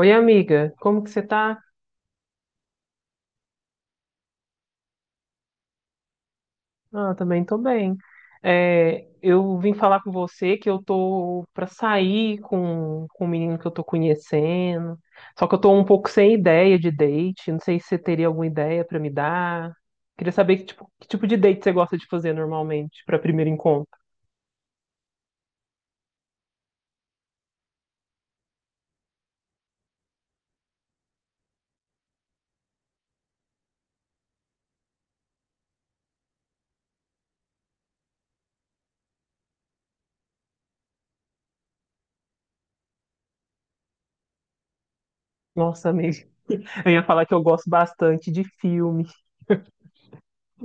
Oi, amiga, como que você tá? Ah, também tô bem. É, eu vim falar com você que eu tô pra sair com um menino que eu tô conhecendo. Só que eu tô um pouco sem ideia de date. Não sei se você teria alguma ideia pra me dar. Queria saber que tipo de date você gosta de fazer normalmente pra primeiro encontro. Nossa, amiga, eu ia falar que eu gosto bastante de filme,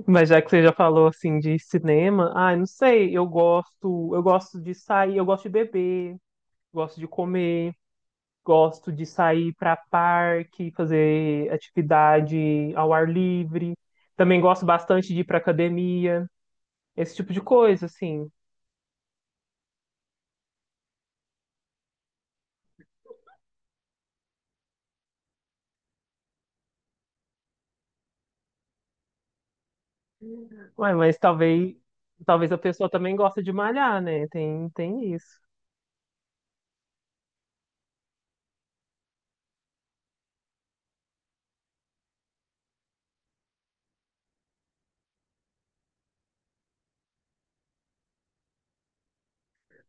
mas já que você já falou assim de cinema, ai, não sei, eu gosto de sair, eu gosto de beber, gosto de comer. Gosto de sair para parque, fazer atividade ao ar livre. Também gosto bastante de ir para academia, esse tipo de coisa, assim. Ué, mas talvez a pessoa também gosta de malhar, né? Tem isso.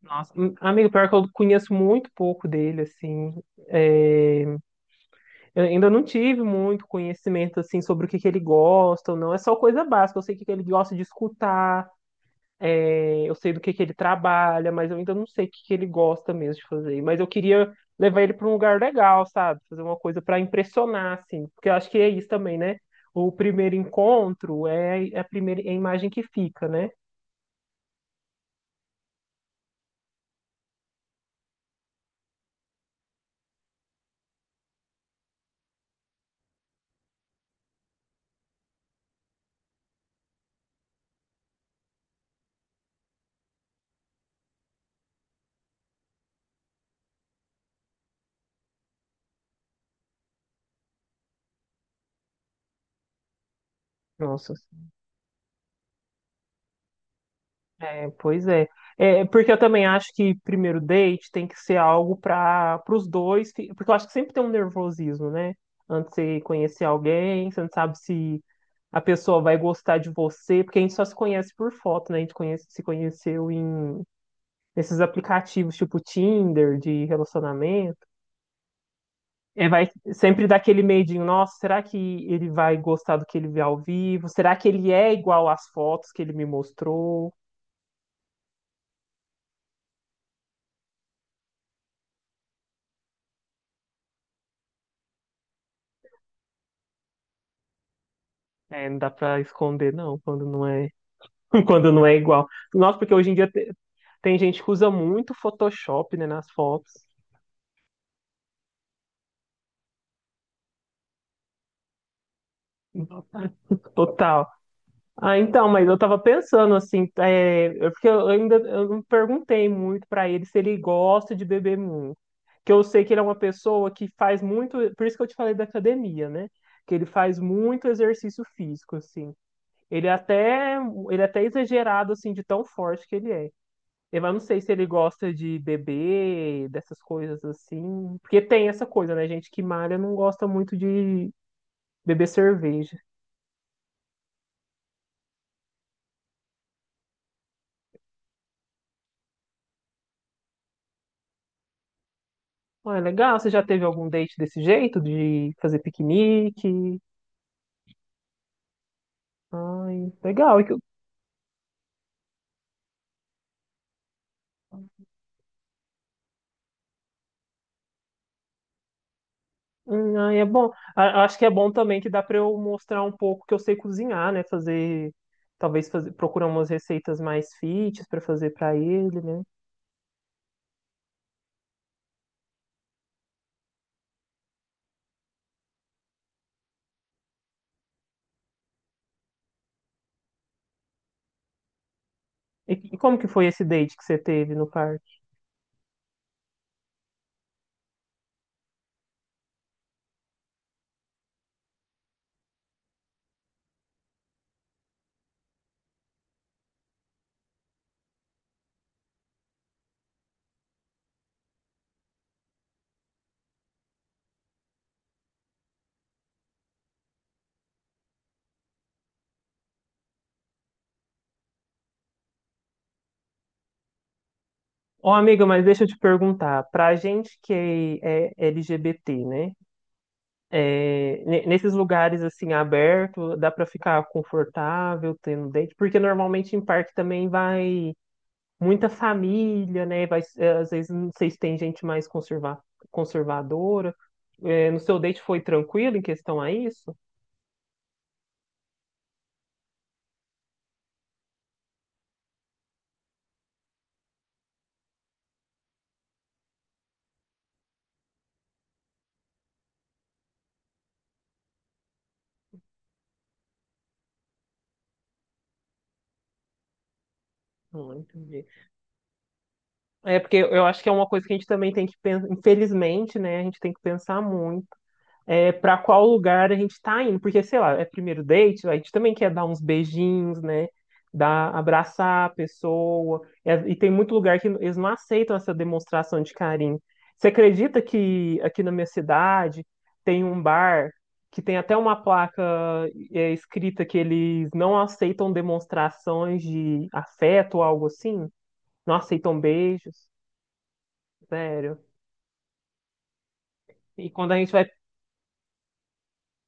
Nossa, amigo, pior que eu conheço muito pouco dele, assim. É, eu ainda não tive muito conhecimento, assim, sobre o que que ele gosta ou não. É só coisa básica. Eu sei o que que ele gosta de escutar. Eu sei do que ele trabalha, mas eu ainda não sei o que que ele gosta mesmo de fazer. Mas eu queria levar ele para um lugar legal, sabe? Fazer uma coisa para impressionar, assim. Porque eu acho que é isso também, né? O primeiro encontro é é a primeira é a imagem que fica, né? Nossa, é, pois é. É, porque eu também acho que primeiro date tem que ser algo para os dois, porque eu acho que sempre tem um nervosismo, né? Antes de você conhecer alguém, você não sabe se a pessoa vai gostar de você, porque a gente só se conhece por foto, né? Se conheceu em nesses aplicativos tipo Tinder de relacionamento. É, vai sempre dar aquele medinho, nossa, será que ele vai gostar do que ele vê ao vivo? Será que ele é igual às fotos que ele me mostrou? É, não dá pra esconder, não, quando não é quando não é igual. Nossa, porque hoje em dia tem gente que usa muito Photoshop, né, nas fotos. Total. Ah, então, mas eu tava pensando assim, é, porque eu ainda eu não perguntei muito pra ele se ele gosta de beber muito. Que eu sei que ele é uma pessoa que faz muito, por isso que eu te falei da academia, né? Que ele faz muito exercício físico, assim. Ele é até, Ele é até exagerado, assim, de tão forte que ele é. Eu não sei se ele gosta de beber, dessas coisas assim. Porque tem essa coisa, né? Gente que malha não gosta muito de beber cerveja. Ah, é legal. Você já teve algum date desse jeito? De fazer piquenique? Ai, legal. Hum, ai, é bom. Acho que é bom também que dá pra eu mostrar um pouco que eu sei cozinhar, né? Fazer. Talvez fazer, procurar umas receitas mais fit pra fazer pra ele, né? E como que foi esse date que você teve no parque? Ô, amiga, mas deixa eu te perguntar, pra gente que é LGBT, né? Nesses lugares assim aberto, dá pra ficar confortável tendo date? Porque normalmente em parque também vai muita família, né? Vai, é, às vezes não sei se tem gente mais conservadora. É, no seu date foi tranquilo em questão a isso? Não entendi. É porque eu acho que é uma coisa que a gente também tem que pensar, infelizmente, né? A gente tem que pensar muito. É, para qual lugar a gente tá indo. Porque, sei lá, é primeiro date, a gente também quer dar uns beijinhos, né? Dar, abraçar a pessoa. É, e tem muito lugar que eles não aceitam essa demonstração de carinho. Você acredita que aqui na minha cidade tem um bar que tem até uma placa, é, escrita que eles não aceitam demonstrações de afeto ou algo assim? Não aceitam beijos? Sério. E quando a gente vai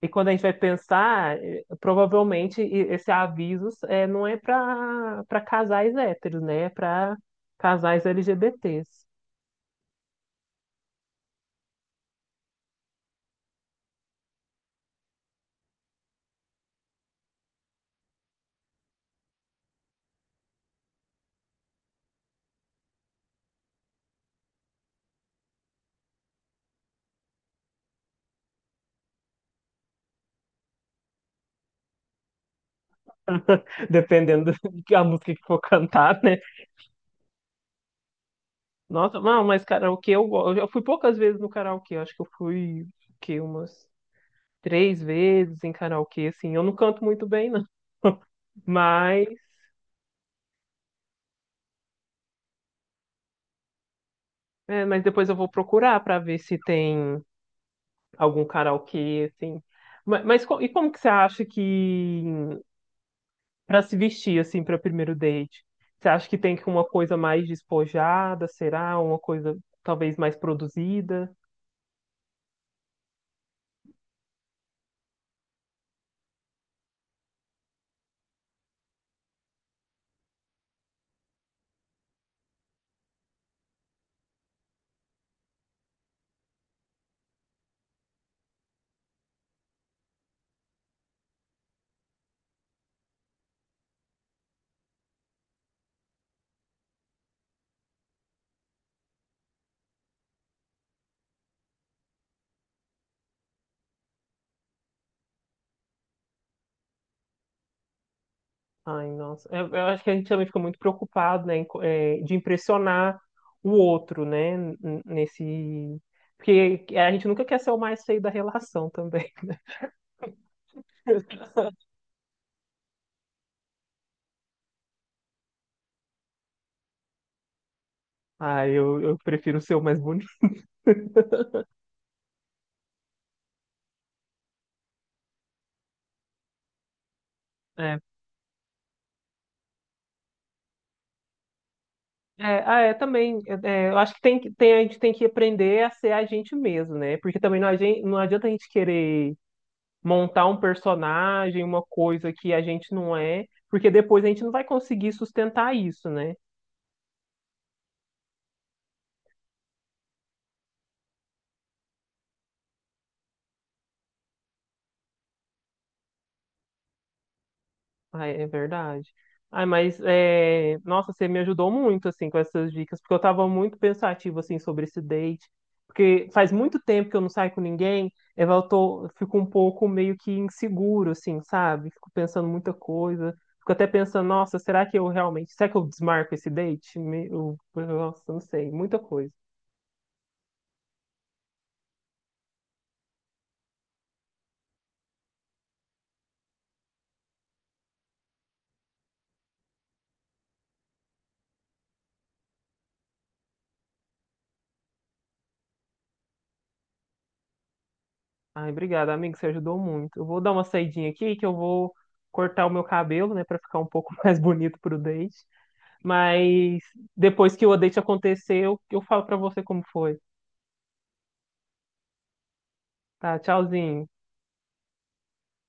E quando a gente vai pensar, provavelmente esse aviso, não é para casais héteros, né? É para casais LGBTs. Dependendo da música que for cantar, né? Nossa, não, mas karaokê eu gosto. Eu fui poucas vezes no karaokê. Eu Acho que eu fui, que umas três vezes em karaokê, assim. Eu não canto muito bem, não. Mas, é, mas depois eu vou procurar para ver se tem algum karaokê, assim. Mas, e como que você acha que para se vestir assim para primeiro date? Você acha que tem que uma coisa mais despojada, será? Uma coisa talvez mais produzida? Ai, nossa. Eu acho que a gente também fica muito preocupado, né, de impressionar o outro, né, nesse. Porque a gente nunca quer ser o mais feio da relação também. Ah, eu prefiro ser o mais bonito. É, é, ah, é também. É, é, eu acho que a gente tem que aprender a ser a gente mesmo, né? Porque também não, a gente, não adianta a gente querer montar um personagem, uma coisa que a gente não é, porque depois a gente não vai conseguir sustentar isso, né? Ah, é verdade. Ai, mas é, nossa, você me ajudou muito assim com essas dicas, porque eu estava muito pensativo assim sobre esse date, porque faz muito tempo que eu não saio com ninguém, eu vou- tô fico um pouco meio que inseguro assim, sabe? Fico pensando muita coisa, fico até pensando, nossa, será que eu desmarco esse date? Nossa, não sei, muita coisa. Ai, obrigado, amigo, você ajudou muito. Eu vou dar uma saidinha aqui que eu vou cortar o meu cabelo, né, para ficar um pouco mais bonito pro date. Mas depois que o date acontecer, eu falo pra você como foi. Tá, tchauzinho.